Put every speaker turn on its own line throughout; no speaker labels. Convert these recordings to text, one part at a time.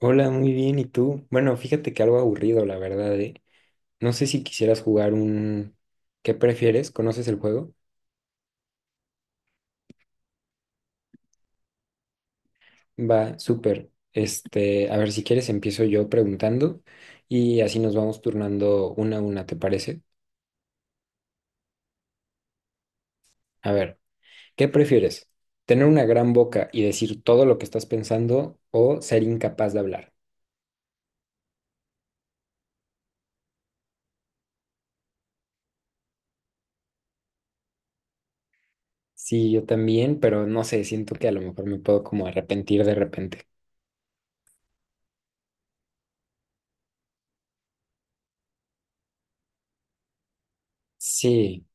Hola, muy bien. ¿Y tú? Bueno, fíjate que algo aburrido, la verdad, ¿eh? No sé si quisieras jugar un... ¿Qué prefieres? ¿Conoces el juego? Va, súper. Este, a ver, si quieres empiezo yo preguntando y así nos vamos turnando una a una, ¿te parece? A ver, ¿qué prefieres? ¿Tener una gran boca y decir todo lo que estás pensando o ser incapaz de hablar? Sí, yo también, pero no sé, siento que a lo mejor me puedo como arrepentir de repente. Sí,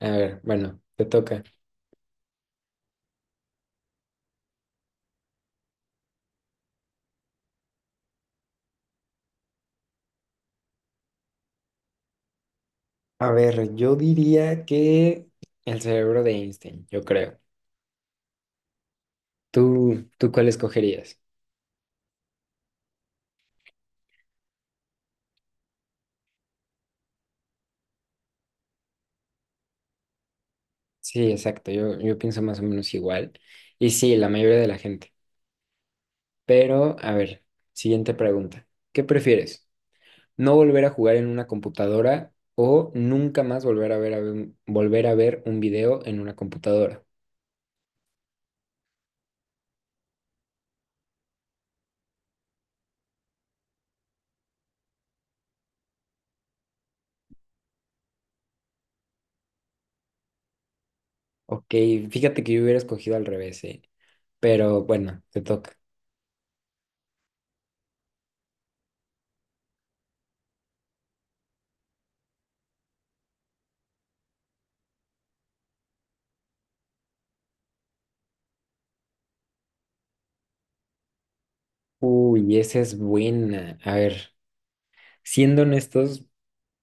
a ver, bueno, te toca. A ver, yo diría que el cerebro de Einstein, yo creo. ¿Tú cuál escogerías? Sí, exacto, yo pienso más o menos igual. Y sí, la mayoría de la gente. Pero, a ver, siguiente pregunta. ¿Qué prefieres? ¿No volver a jugar en una computadora o nunca más volver a ver un video en una computadora? Ok, fíjate que yo hubiera escogido al revés, ¿eh? Pero bueno, te toca. Uy, esa es buena. A ver, siendo honestos.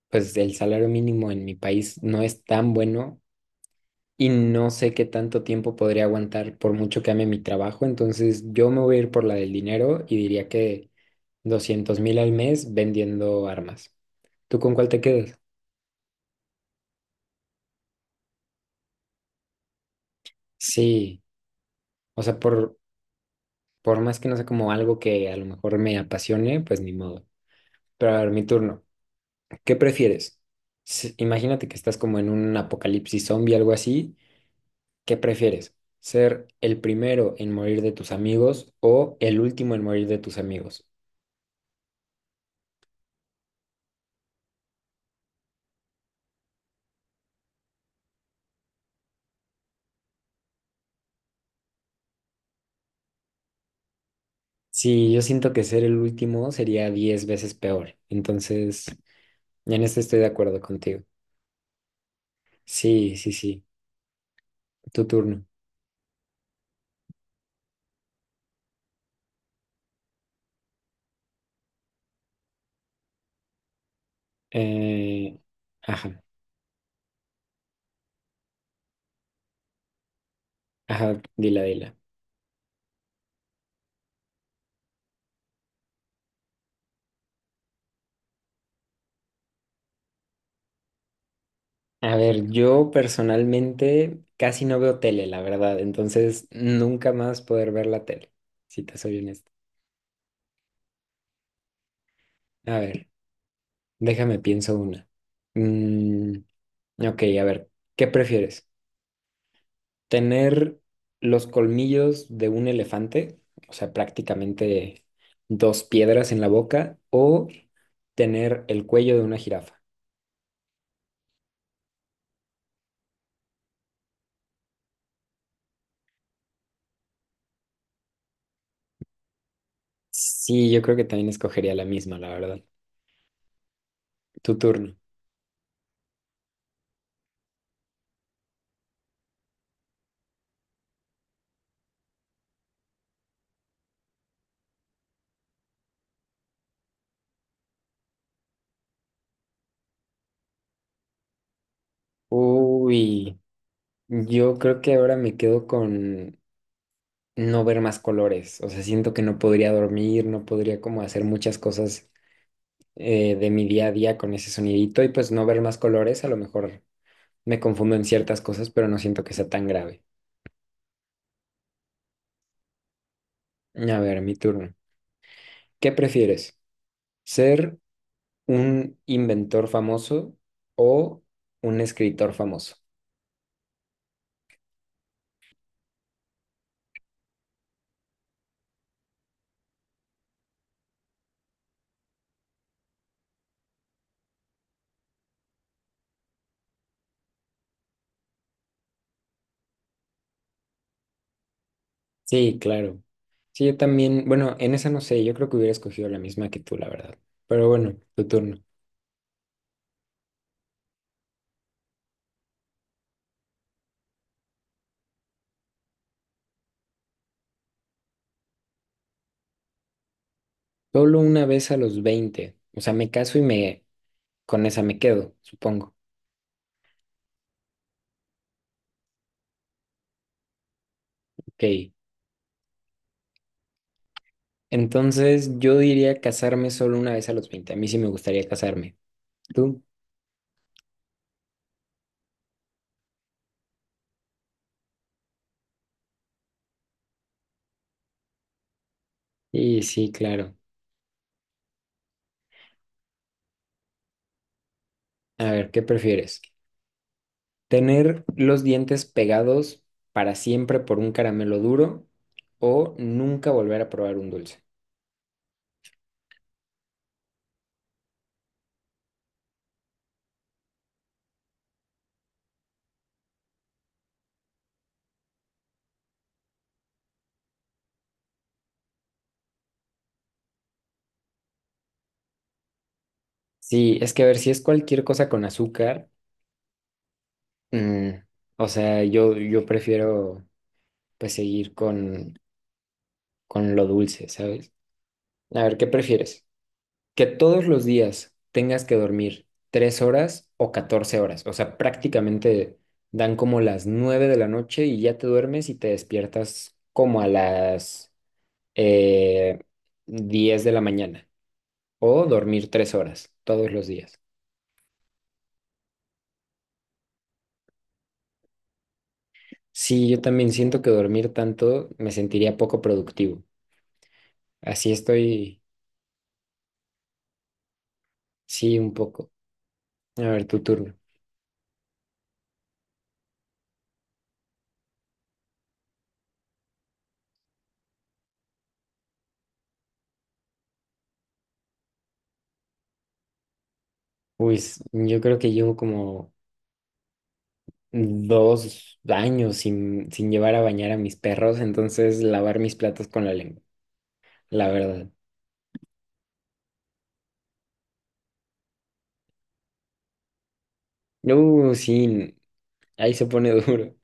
Pues el salario mínimo en mi país no es tan bueno y no sé qué tanto tiempo podría aguantar por mucho que ame mi trabajo. Entonces yo me voy a ir por la del dinero y diría que 200.000 al mes vendiendo armas. ¿Tú con cuál te quedas? Sí, o sea, por más que no sea como algo que a lo mejor me apasione, pues ni modo. Pero a ver, mi turno. ¿Qué prefieres? Imagínate que estás como en un apocalipsis zombie, algo así. ¿Qué prefieres? ¿Ser el primero en morir de tus amigos o el último en morir de tus amigos? Sí, yo siento que ser el último sería 10 veces peor. Entonces, en esto estoy de acuerdo contigo. Sí, sí, sí. Tu turno. Eh, ajá, ajá, dila, dila. A ver, yo personalmente casi no veo tele, la verdad. Entonces, nunca más poder ver la tele, si te soy honesto. A ver, déjame pienso una. Mm, ok, a ver, ¿qué prefieres? ¿Tener los colmillos de un elefante, o sea, prácticamente dos piedras en la boca, o tener el cuello de una jirafa? Sí, yo creo que también escogería la misma, la verdad. Tu turno. Uy, yo creo que ahora me quedo con no ver más colores, o sea, siento que no podría dormir, no podría como hacer muchas cosas de mi día a día con ese sonidito y pues no ver más colores, a lo mejor me confundo en ciertas cosas, pero no siento que sea tan grave. A ver, mi turno. ¿Qué prefieres? ¿Ser un inventor famoso o un escritor famoso? Sí, claro. Sí, yo también, bueno, en esa no sé, yo creo que hubiera escogido la misma que tú, la verdad. Pero bueno, tu turno. Solo una vez a los 20. O sea, me caso y me con esa me quedo, supongo. Ok. Entonces, yo diría casarme solo una vez a los veinte. A mí sí me gustaría casarme. ¿Tú? Y sí, claro. A ver, ¿qué prefieres? ¿Tener los dientes pegados para siempre por un caramelo duro o nunca volver a probar un dulce? Sí, es que a ver, si es cualquier cosa con azúcar, mm, o sea, yo prefiero pues seguir con lo dulce, ¿sabes? A ver, ¿qué prefieres? ¿Que todos los días tengas que dormir 3 horas o 14 horas? O sea, prácticamente dan como las 9 de la noche y ya te duermes y te despiertas como a las... eh, 10 de la mañana o dormir 3 horas todos los días. Sí, yo también siento que dormir tanto me sentiría poco productivo. Así estoy, sí, un poco. A ver, tu turno. Uy, yo creo que llevo como 2 años sin llevar a bañar a mis perros, entonces lavar mis platos con la lengua, la verdad. Sí, ahí se pone duro.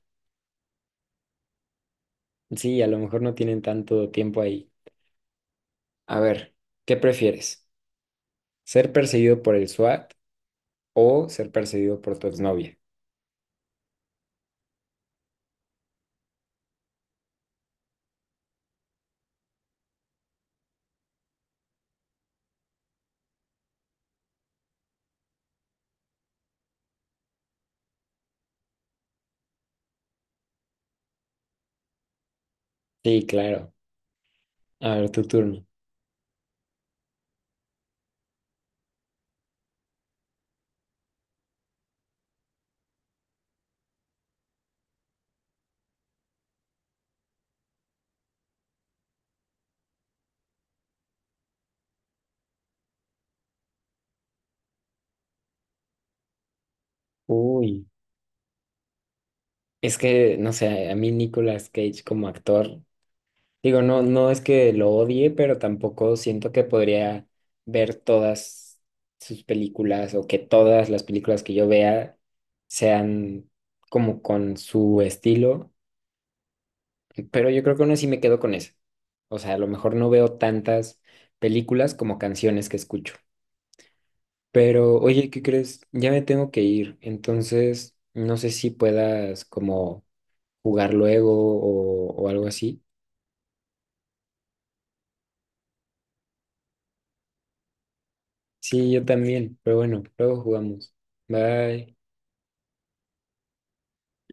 Sí, a lo mejor no tienen tanto tiempo ahí. A ver, ¿qué prefieres? ¿Ser perseguido por el SWAT o ser perseguido por tu exnovia? Sí, claro. A ver, tu turno. Uy, es que, no sé, a mí Nicolas Cage como actor, digo, no, no es que lo odie, pero tampoco siento que podría ver todas sus películas o que todas las películas que yo vea sean como con su estilo, pero yo creo que aún así me quedo con eso. O sea, a lo mejor no veo tantas películas como canciones que escucho. Pero, oye, ¿qué crees? Ya me tengo que ir, entonces no sé si puedas como jugar luego o algo así. Sí, yo también, pero bueno, luego jugamos. Bye.